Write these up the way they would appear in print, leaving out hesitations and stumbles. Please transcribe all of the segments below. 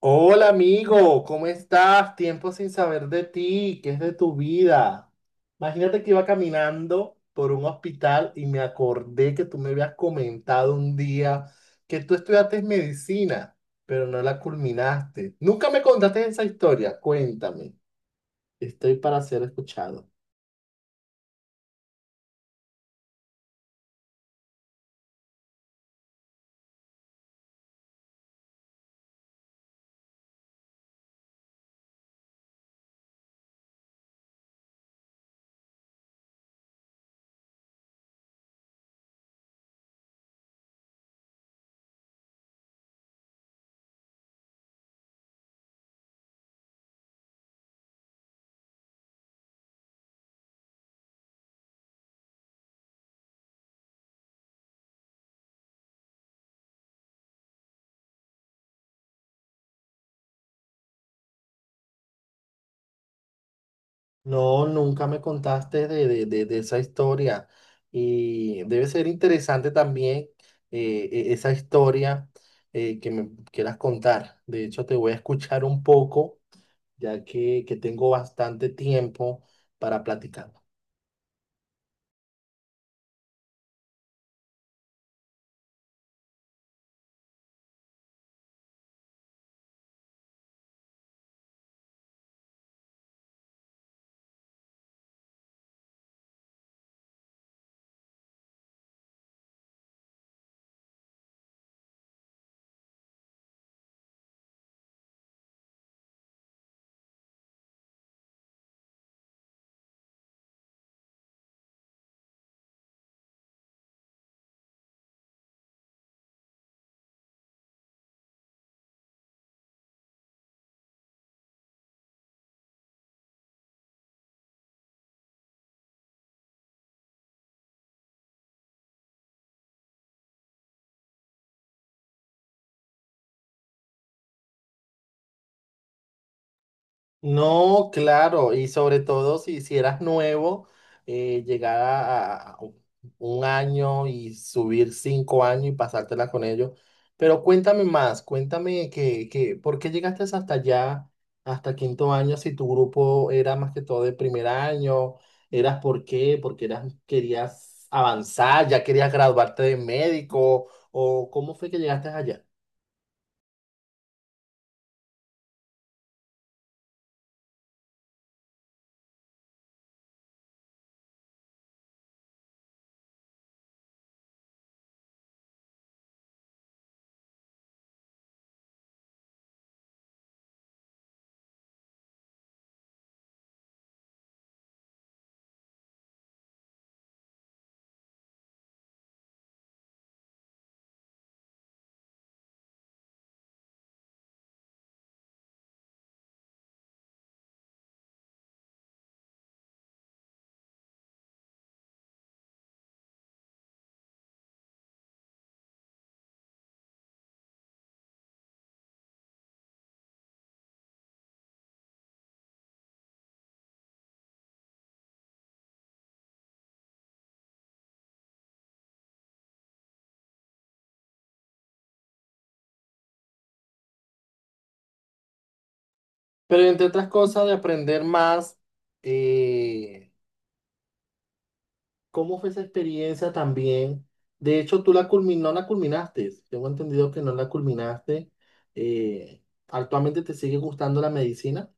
Hola amigo, ¿cómo estás? Tiempo sin saber de ti, ¿qué es de tu vida? Imagínate que iba caminando por un hospital y me acordé que tú me habías comentado un día que tú estudiaste medicina, pero no la culminaste. Nunca me contaste esa historia, cuéntame. Estoy para ser escuchado. No, nunca me contaste de esa historia y debe ser interesante también esa historia, que me quieras contar. De hecho, te voy a escuchar un poco, ya que tengo bastante tiempo para platicar. No, claro, y sobre todo si eras nuevo, llegar a un año y subir cinco años y pasártela con ellos. Pero cuéntame más, cuéntame ¿por qué llegaste hasta allá, hasta quinto año, si tu grupo era más que todo de primer año? ¿Eras por qué? Porque eras, querías avanzar, ya querías graduarte de médico. ¿O cómo fue que llegaste allá? Pero entre otras cosas, de aprender más. eh, ¿Cómo fue esa experiencia también? De hecho, no la culminaste. Tengo entendido que no la culminaste. Eh, ¿Actualmente te sigue gustando la medicina?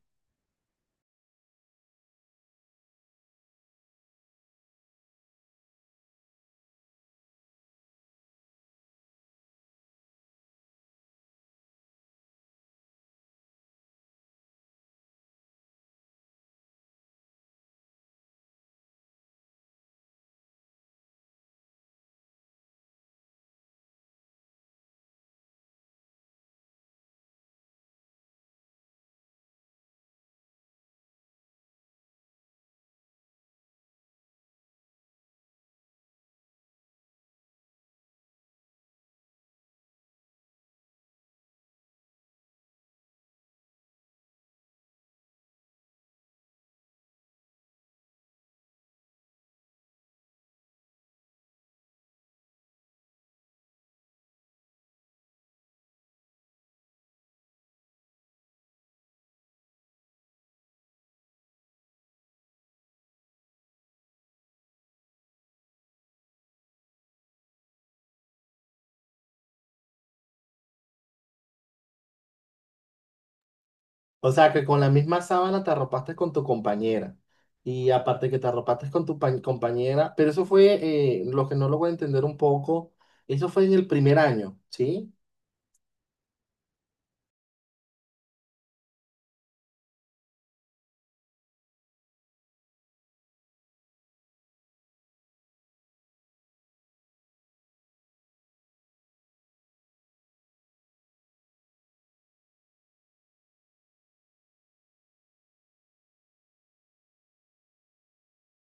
O sea, que con la misma sábana te arropaste con tu compañera. Y aparte que te arropaste con compañera, pero eso fue, lo que no lo voy a entender un poco, eso fue en el primer año, ¿sí?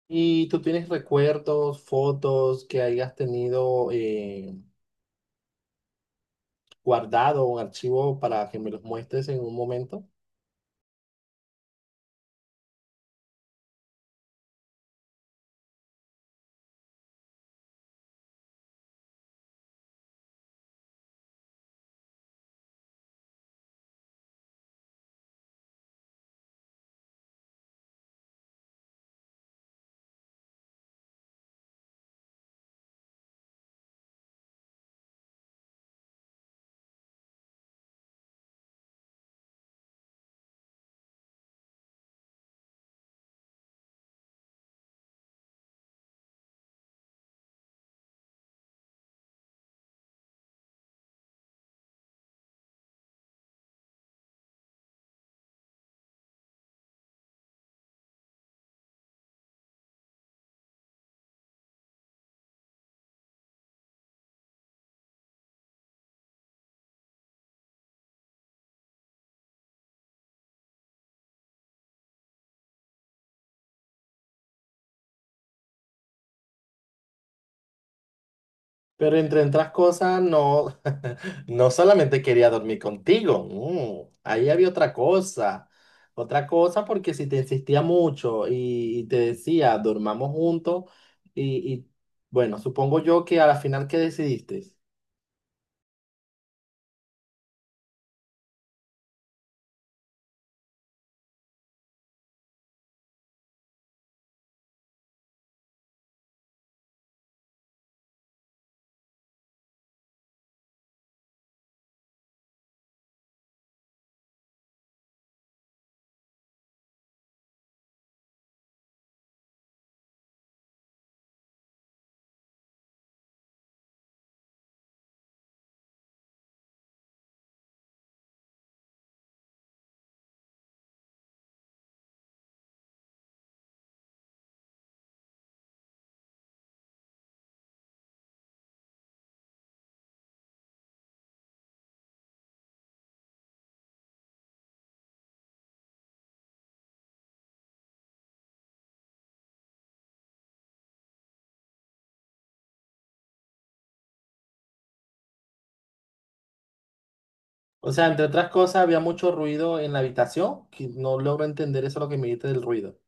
Y tú tienes recuerdos, fotos que hayas tenido guardado, un archivo para que me los muestres en un momento. Pero entre otras cosas, no, no solamente quería dormir contigo, no, ahí había otra cosa porque si te insistía mucho y te decía, dormamos juntos y, y, bueno, supongo yo que a la final, ¿qué decidiste? O sea, entre otras cosas, había mucho ruido en la habitación, que no logro entender eso lo que me dijiste del ruido.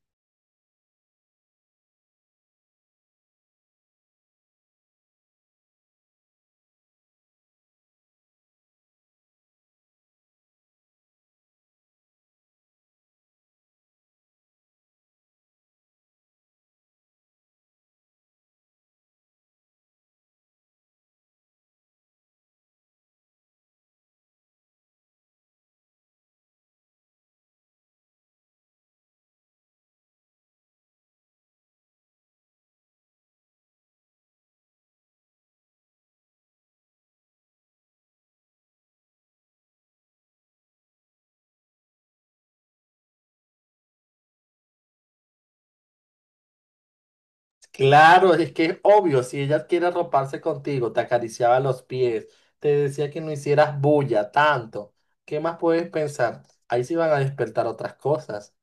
Claro, es que es obvio, si ella quiere roparse contigo, te acariciaba los pies, te decía que no hicieras bulla tanto, ¿qué más puedes pensar? Ahí sí van a despertar otras cosas.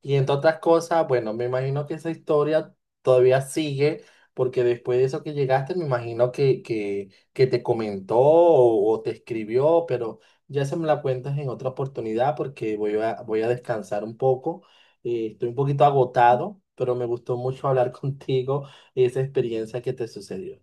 Y entre otras cosas, bueno, me imagino que esa historia todavía sigue, porque después de eso que llegaste, me imagino que te comentó o te escribió, pero ya se me la cuentas en otra oportunidad porque voy a descansar un poco. Estoy un poquito agotado, pero me gustó mucho hablar contigo y esa experiencia que te sucedió.